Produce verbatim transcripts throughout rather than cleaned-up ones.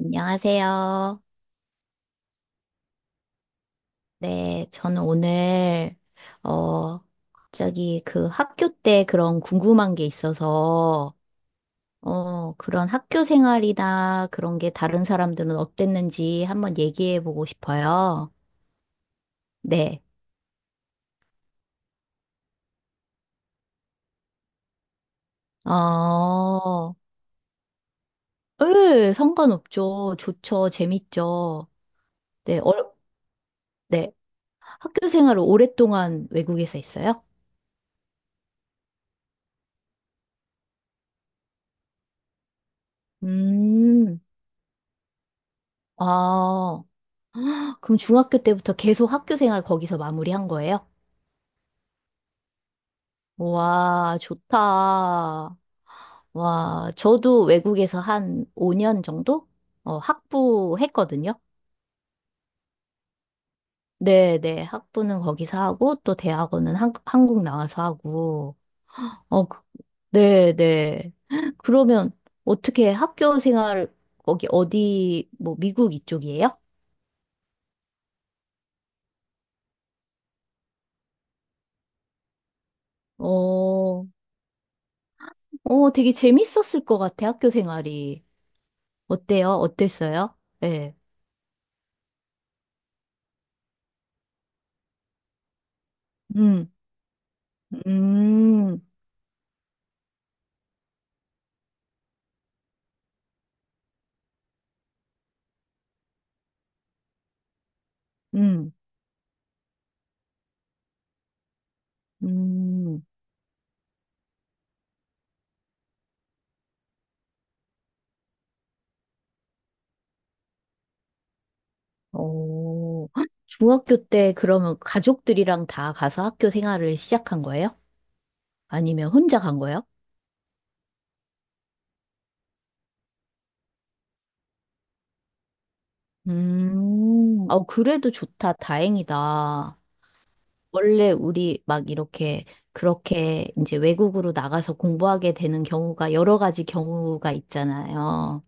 안녕하세요. 네, 저는 오늘, 어, 갑자기 그 학교 때 그런 궁금한 게 있어서, 어, 그런 학교 생활이나 그런 게 다른 사람들은 어땠는지 한번 얘기해 보고 싶어요. 네. 어, 예, 상관없죠. 좋죠. 재밌죠. 네, 어, 네. 학교 생활을 오랫동안 외국에서 했어요? 음, 아. 그럼 중학교 때부터 계속 학교 생활 거기서 마무리한 거예요? 와, 좋다. 와, 저도 외국에서 한 오 년 정도? 어, 학부 했거든요. 네, 네. 학부는 거기서 하고, 또 대학원은 한, 한국 나와서 하고. 어, 그- 네, 네. 그러면 어떻게 학교 생활, 거기 어디, 뭐, 미국 이쪽이에요? 어, 어, 되게 재밌었을 것 같아, 학교 생활이. 어때요? 어땠어요? 예. 음, 음, 음, 음. 어, 중학교 때 그러면 가족들이랑 다 가서 학교 생활을 시작한 거예요? 아니면 혼자 간 거예요? 음, 어, 그래도 좋다. 다행이다. 원래 우리 막 이렇게, 그렇게 이제 외국으로 나가서 공부하게 되는 경우가 여러 가지 경우가 있잖아요.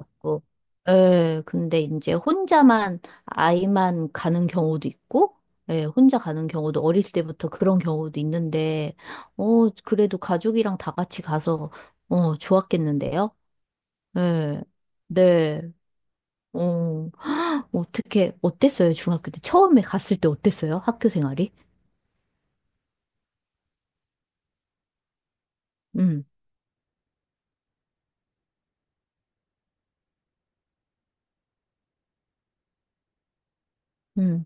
있고. 예, 근데 이제 혼자만, 아이만 가는 경우도 있고, 예, 혼자 가는 경우도 어릴 때부터 그런 경우도 있는데, 어, 그래도 가족이랑 다 같이 가서, 어, 좋았겠는데요? 예, 네, 어, 어떻게, 어땠어요? 중학교 때. 처음에 갔을 때 어땠어요? 학교 생활이? 음, 음,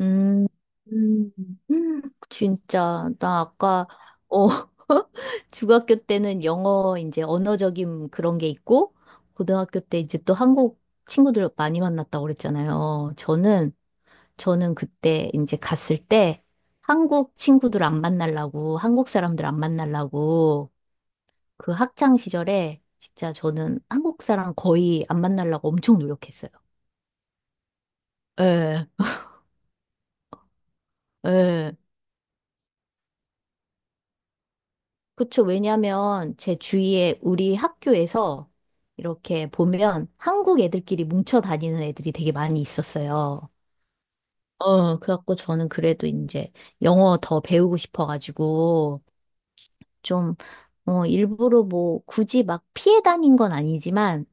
음. 음, 진짜, 나 아까, 어, 중학교 때는 영어, 이제 언어적인 그런 게 있고, 고등학교 때 이제 또 한국 친구들 많이 만났다고 그랬잖아요. 저는, 저는 그때 이제 갔을 때 한국 친구들 안 만나려고, 한국 사람들 안 만나려고, 그 학창 시절에 진짜 저는 한국 사람 거의 안 만나려고 엄청 노력했어요. 예, 예. 그쵸. 왜냐면 제 주위에 우리 학교에서 이렇게 보면 한국 애들끼리 뭉쳐 다니는 애들이 되게 많이 있었어요. 어, 그래갖고 저는 그래도 이제 영어 더 배우고 싶어가지고 좀, 어, 일부러 뭐 굳이 막 피해 다닌 건 아니지만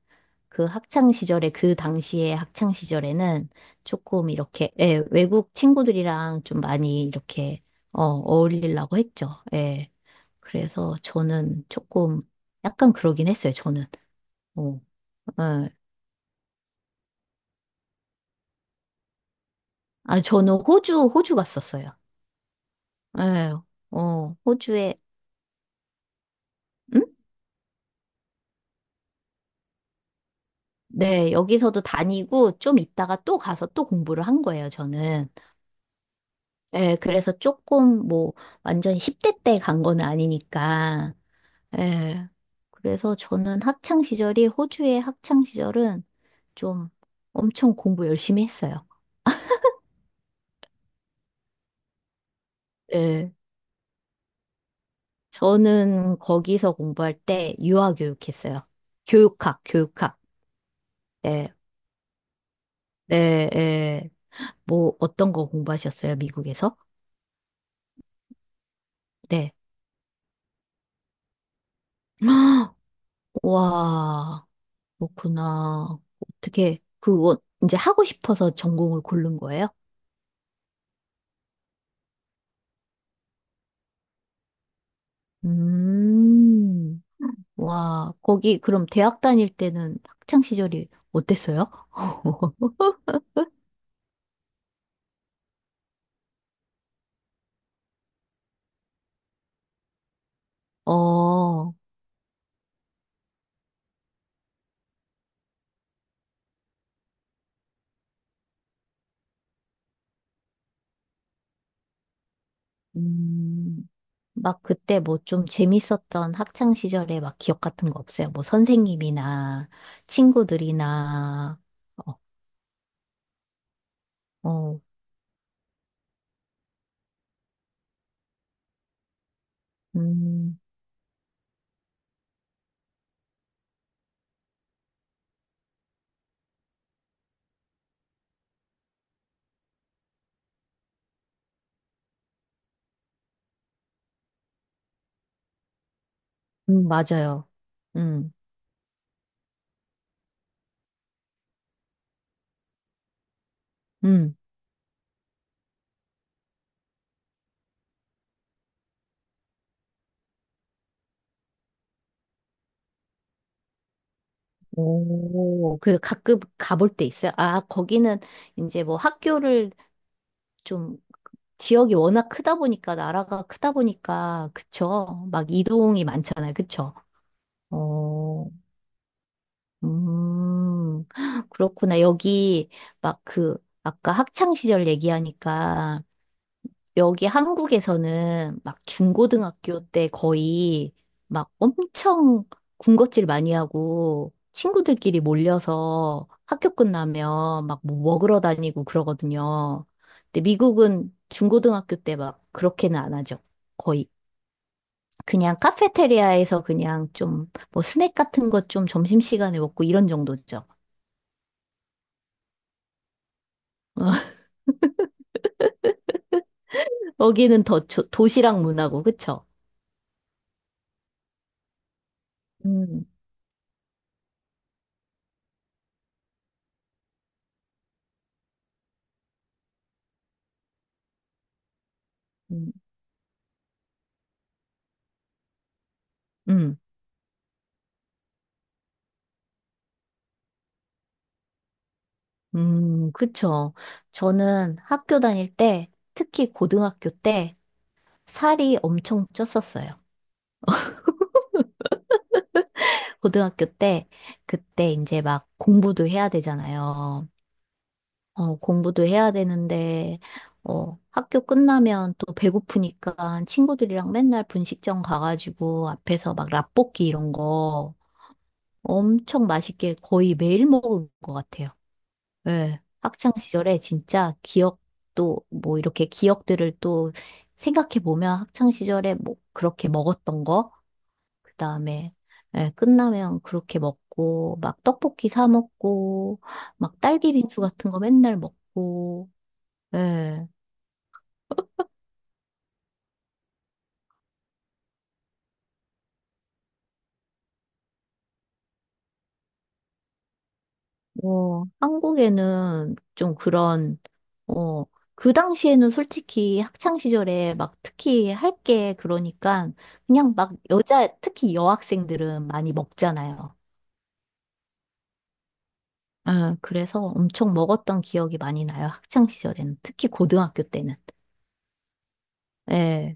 그 학창 시절에 그 당시에 학창 시절에는 조금 이렇게 예, 외국 친구들이랑 좀 많이 이렇게 어, 어울리려고 했죠. 예. 그래서 저는 조금 약간 그러긴 했어요. 저는. 어, 예. 아, 저는 호주 호주 갔었어요. 예. 어, 호주에 음? 네, 여기서도 다니고 좀 있다가 또 가서 또 공부를 한 거예요, 저는. 예, 그래서 조금 뭐 완전 십 대 때 간 건 아니니까 예. 그래서 저는 학창 시절이 호주의 학창 시절은 좀 엄청 공부 열심히 했어요. 예. 저는 거기서 공부할 때 유아 교육했어요. 교육학, 교육학. 예. 네, 예. 뭐 어떤 거 공부하셨어요, 미국에서? 네. 와, 그렇구나. 어떻게 그거 이제 하고 싶어서 전공을 고른 거예요? 음. 와, 거기 그럼 대학 다닐 때는 학창 시절이 어땠어요? 어, 음, 막 그때 뭐 좀 재밌었던 학창 시절에 막 기억 같은 거 없어요? 뭐 선생님이나 친구들이나, 어, 어, 음, 음, 맞아요. 음, 음. 오, 그 가끔 가볼 때 있어요. 아, 거기는 이제 뭐 학교를 좀 지역이 워낙 크다 보니까, 나라가 크다 보니까, 그쵸? 막 이동이 많잖아요. 그쵸? 어, 음, 그렇구나. 여기 막 그, 아까 학창 시절 얘기하니까, 여기 한국에서는 막 중고등학교 때 거의 막 엄청 군것질 많이 하고 친구들끼리 몰려서 학교 끝나면 막 뭐 먹으러 다니고 그러거든요. 근데 미국은 중고등학교 때 막 그렇게는 안 하죠. 거의. 그냥 카페테리아에서 그냥 좀 뭐 스낵 같은 것 좀 점심시간에 먹고 이런 정도죠. 거기는 더 조- 도시락 문화고, 그쵸? 음, 음, 음. 음, 그쵸. 저는 학교 다닐 때, 특히 고등학교 때, 살이 엄청 쪘었어요. 고등학교 때, 그때 이제 막 공부도 해야 되잖아요. 어, 공부도 해야 되는데, 어, 학교 끝나면 또 배고프니까 친구들이랑 맨날 분식점 가가지고 앞에서 막 라볶이 이런 거 엄청 맛있게 거의 매일 먹은 것 같아요. 예, 학창 시절에 진짜 기억도 뭐 이렇게 기억들을 또 생각해 보면 학창 시절에 뭐 그렇게 먹었던 거, 그다음에 예, 끝나면 그렇게 먹고 막 떡볶이 사 먹고 막 딸기 빙수 같은 거 맨날 먹고 예. 뭐 한국에는 좀 그런 어 그 당시에는 솔직히 학창 시절에 막 특히 할 게 그러니까 그냥 막 여자, 특히 여학생들은 많이 먹잖아요. 아, 그래서 엄청 먹었던 기억이 많이 나요. 학창 시절에는. 특히 고등학교 때는. 예.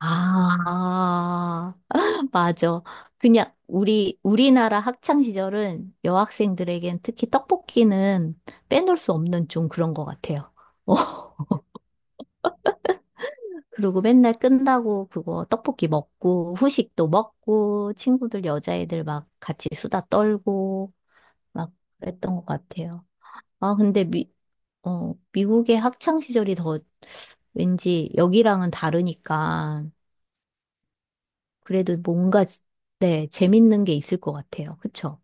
아, 맞아. 그냥 우리, 우리나라 학창 시절은 여학생들에겐 특히 떡볶이는 빼놓을 수 없는 좀 그런 것 같아요. 그리고 맨날 끝나고 그거 떡볶이 먹고 후식도 먹고 친구들 여자애들 막 같이 수다 떨고 막 그랬던 것 같아요. 아, 근데 미, 어, 미국의 학창 시절이 더 왠지 여기랑은 다르니까 그래도 뭔가 지- 네, 재밌는 게 있을 것 같아요. 그쵸?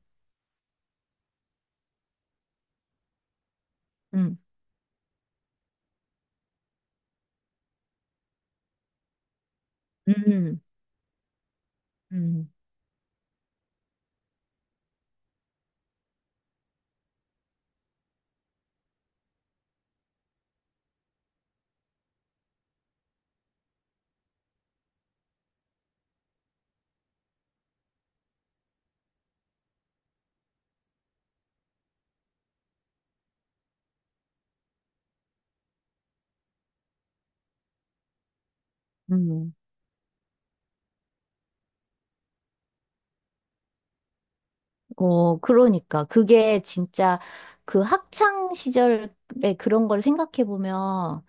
음, 음, 음, 음. 어, 그러니까 그게 진짜 그 학창 시절에 그런 걸 생각해 보면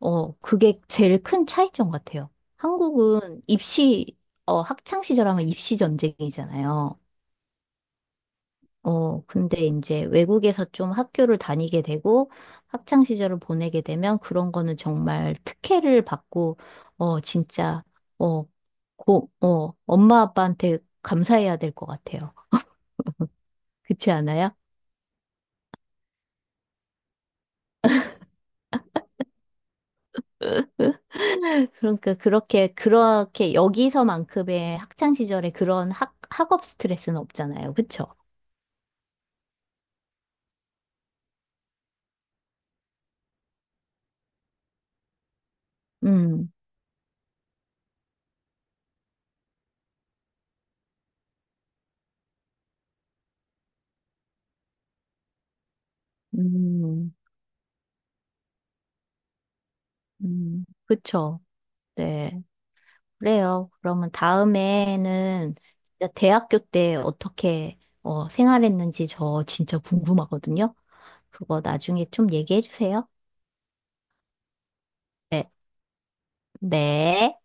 어, 그게 제일 큰 차이점 같아요. 한국은 입시 어, 학창 시절 하면 입시 전쟁이잖아요. 어, 근데 이제 외국에서 좀 학교를 다니게 되고 학창 시절을 보내게 되면 그런 거는 정말 특혜를 받고 어, 진짜 어, 고, 어, 엄마 아빠한테 감사해야 될 것 같아요. 그렇지 않아요? 그러니까 그렇게 그렇게 여기서만큼의 학창 시절에 그런 학 학업 스트레스는 없잖아요. 그쵸? 음. 음. 음. 그쵸? 네. 그래요. 그러면 다음에는 진짜 대학교 때 어떻게 어, 생활했는지 저 진짜 궁금하거든요. 그거 나중에 좀 얘기해 주세요. 네. 네.